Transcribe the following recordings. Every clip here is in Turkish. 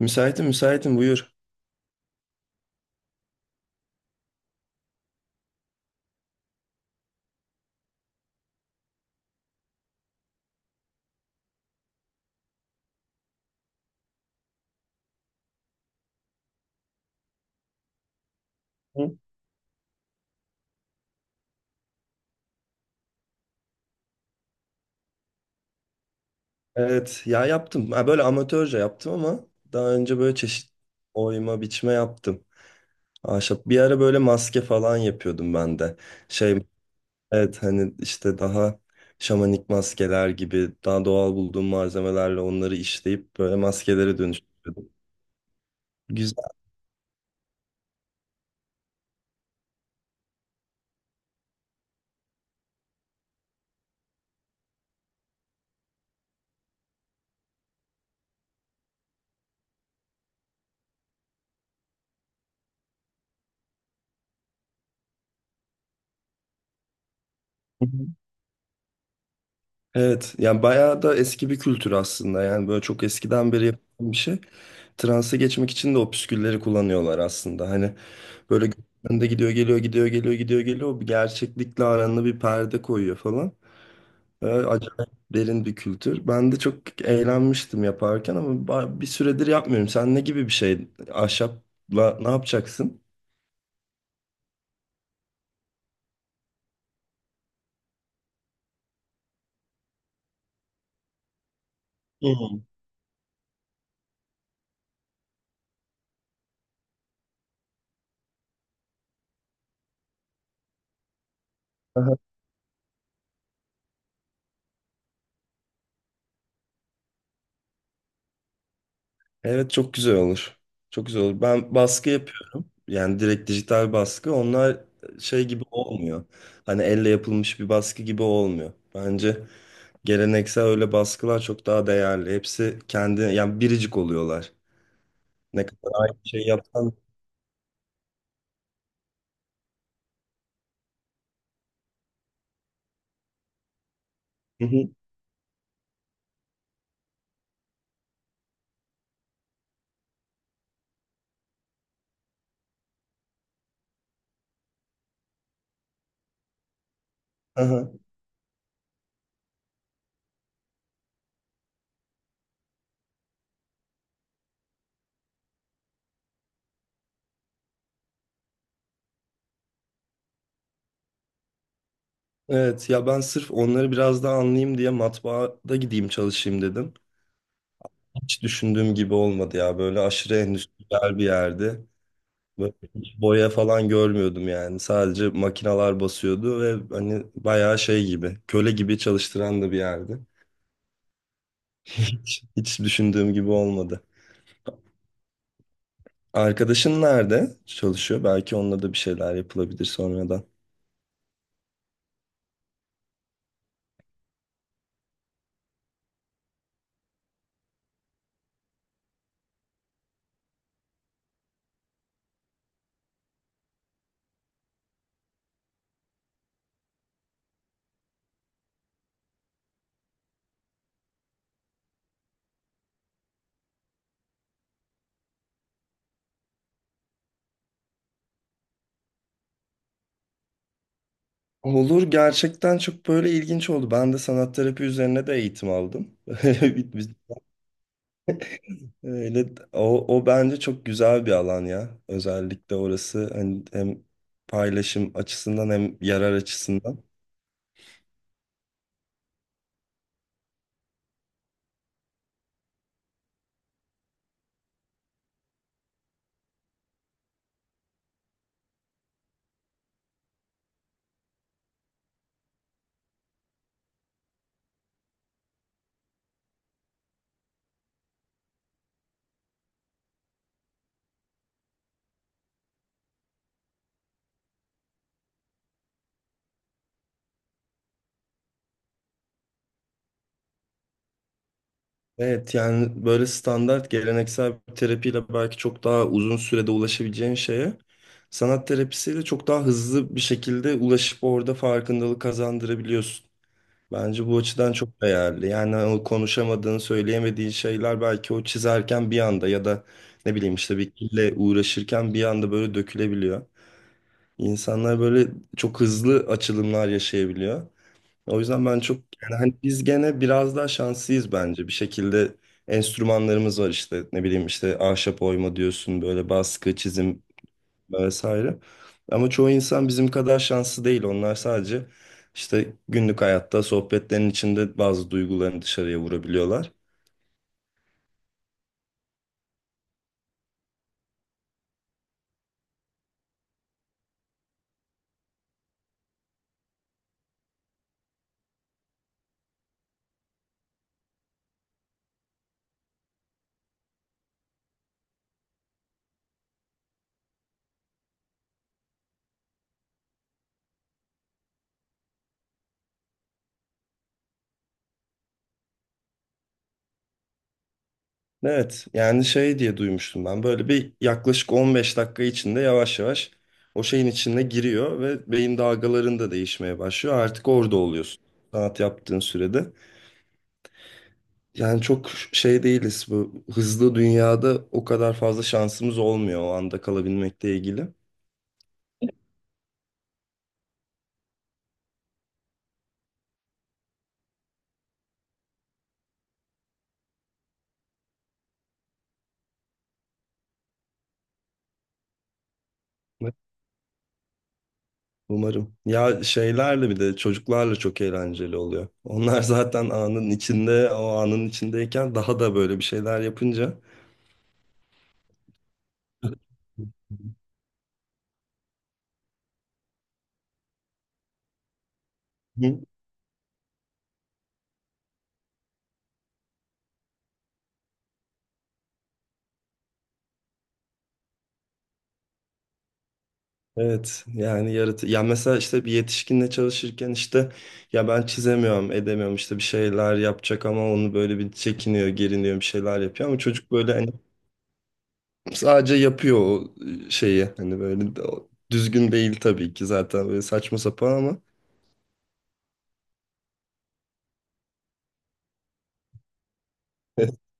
Müsaitim, müsaitim, buyur. Hı? Evet, ya yaptım. Ha, böyle amatörce yaptım ama daha önce böyle çeşit oyma, biçme yaptım. Ahşap. Bir ara böyle maske falan yapıyordum ben de. Şey, evet, hani işte daha şamanik maskeler gibi daha doğal bulduğum malzemelerle onları işleyip böyle maskelere dönüştürüyordum. Güzel. Hı hı. Evet, yani bayağı da eski bir kültür aslında. Yani böyle çok eskiden beri yapılan bir şey. Transa geçmek için de o püskülleri kullanıyorlar aslında. Hani böyle önde gidiyor geliyor, gidiyor geliyor, gidiyor geliyor. Bir gerçeklikle aranda bir perde koyuyor falan. Acayip derin bir kültür. Ben de çok eğlenmiştim yaparken ama bir süredir yapmıyorum. Sen ne gibi bir şey? Ahşapla ne yapacaksın? Hmm. Aha. Evet, çok güzel olur. Çok güzel olur. Ben baskı yapıyorum. Yani direkt dijital baskı. Onlar şey gibi olmuyor. Hani elle yapılmış bir baskı gibi olmuyor. Bence geleneksel öyle baskılar çok daha değerli. Hepsi kendi, yani biricik oluyorlar. Ne kadar aynı şey yapsan. Hı hı, aha. Evet ya, ben sırf onları biraz daha anlayayım diye matbaada gideyim çalışayım dedim. Hiç düşündüğüm gibi olmadı ya. Böyle aşırı endüstriyel bir yerdi. Böyle hiç boya falan görmüyordum yani. Sadece makinalar basıyordu ve hani bayağı şey gibi, köle gibi çalıştıran da bir yerdi. Hiç düşündüğüm gibi olmadı. Arkadaşın nerede çalışıyor? Belki onunla da bir şeyler yapılabilir sonradan. Olur, gerçekten çok böyle ilginç oldu. Ben de sanat terapi üzerine de eğitim aldım. Biz- biz- Öyle, o bence çok güzel bir alan ya. Özellikle orası hani hem paylaşım açısından hem yarar açısından. Evet, yani böyle standart geleneksel bir terapiyle belki çok daha uzun sürede ulaşabileceğin şeye sanat terapisiyle çok daha hızlı bir şekilde ulaşıp orada farkındalık kazandırabiliyorsun. Bence bu açıdan çok değerli. Yani o konuşamadığın, söyleyemediğin şeyler belki o çizerken bir anda ya da ne bileyim işte bir kille uğraşırken bir anda böyle dökülebiliyor. İnsanlar böyle çok hızlı açılımlar yaşayabiliyor. O yüzden ben çok, yani hani biz gene biraz daha şanslıyız bence. Bir şekilde enstrümanlarımız var işte, ne bileyim işte ahşap oyma diyorsun, böyle baskı, çizim vesaire. Ama çoğu insan bizim kadar şanslı değil. Onlar sadece işte günlük hayatta sohbetlerin içinde bazı duygularını dışarıya vurabiliyorlar. Evet, yani şey diye duymuştum ben. Böyle bir yaklaşık 15 dakika içinde yavaş yavaş o şeyin içine giriyor ve beyin dalgaların da değişmeye başlıyor. Artık orada oluyorsun. Sanat yaptığın sürede. Yani çok şey değiliz, bu hızlı dünyada o kadar fazla şansımız olmuyor o anda kalabilmekle ilgili. Umarım. Ya, şeylerle bir de çocuklarla çok eğlenceli oluyor. Onlar zaten anın içinde, o anın içindeyken daha da böyle bir şeyler yapınca. Hı. Evet, yani yaratı ya, mesela işte bir yetişkinle çalışırken işte ya ben çizemiyorum edemiyorum, işte bir şeyler yapacak ama onu böyle bir çekiniyor, geriniyor, bir şeyler yapıyor ama çocuk böyle hani sadece yapıyor o şeyi. Hani düzgün değil tabii ki, zaten böyle saçma sapan ama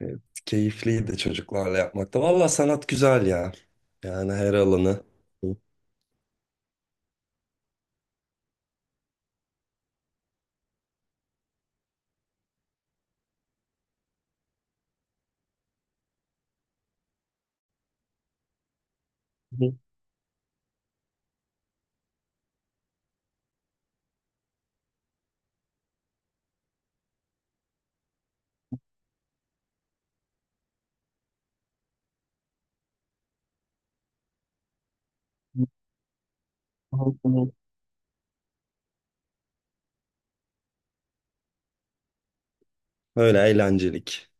evet, keyifliydi çocuklarla yapmakta. Valla sanat güzel ya. Yani her alanı. Öyle eğlencelik.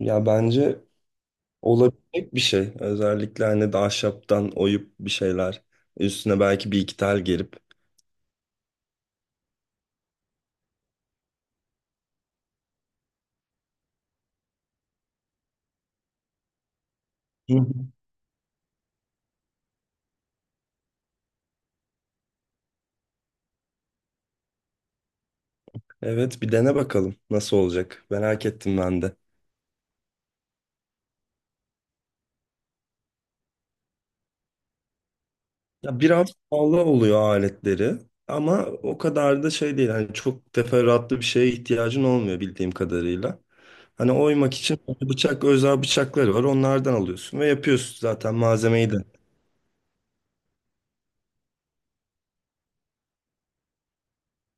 Ya bence olabilecek bir şey. Özellikle hani de ahşaptan oyup bir şeyler. Üstüne belki bir iki tel gerip. Hı hı. Evet, bir dene bakalım nasıl olacak. Merak ettim ben de. Ya, biraz pahalı oluyor aletleri ama o kadar da şey değil. Hani çok teferruatlı bir şeye ihtiyacın olmuyor bildiğim kadarıyla. Hani oymak için hani bıçak, özel bıçakları var. Onlardan alıyorsun ve yapıyorsun zaten malzemeyi de.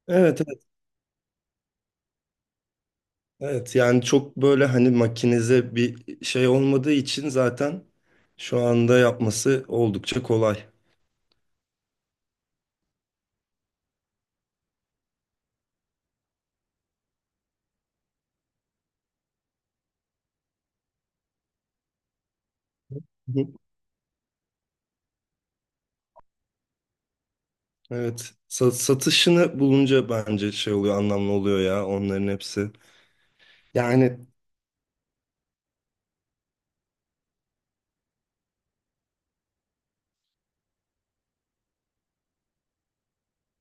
Evet, evet, evet. Yani çok böyle hani makinize bir şey olmadığı için zaten şu anda yapması oldukça kolay. Hı. Evet. Satışını bulunca bence şey oluyor, anlamlı oluyor ya onların hepsi. Yani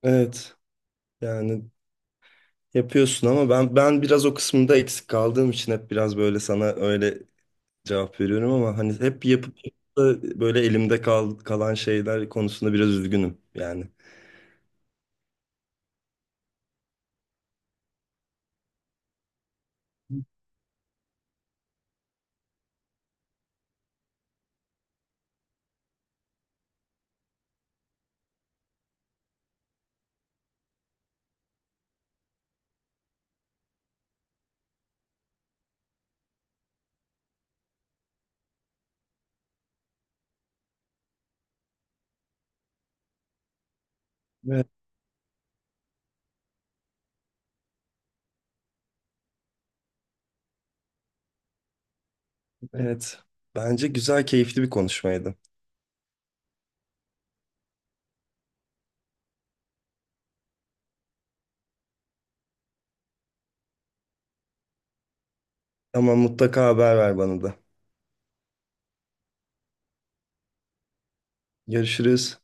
evet. Yani yapıyorsun ama ben biraz o kısmında eksik kaldığım için hep biraz böyle sana öyle cevap veriyorum ama hani hep yapıp da böyle elimde kalan şeyler konusunda biraz üzgünüm yani. Evet, evet. Bence güzel, keyifli bir konuşmaydı. Ama mutlaka haber ver bana da. Görüşürüz.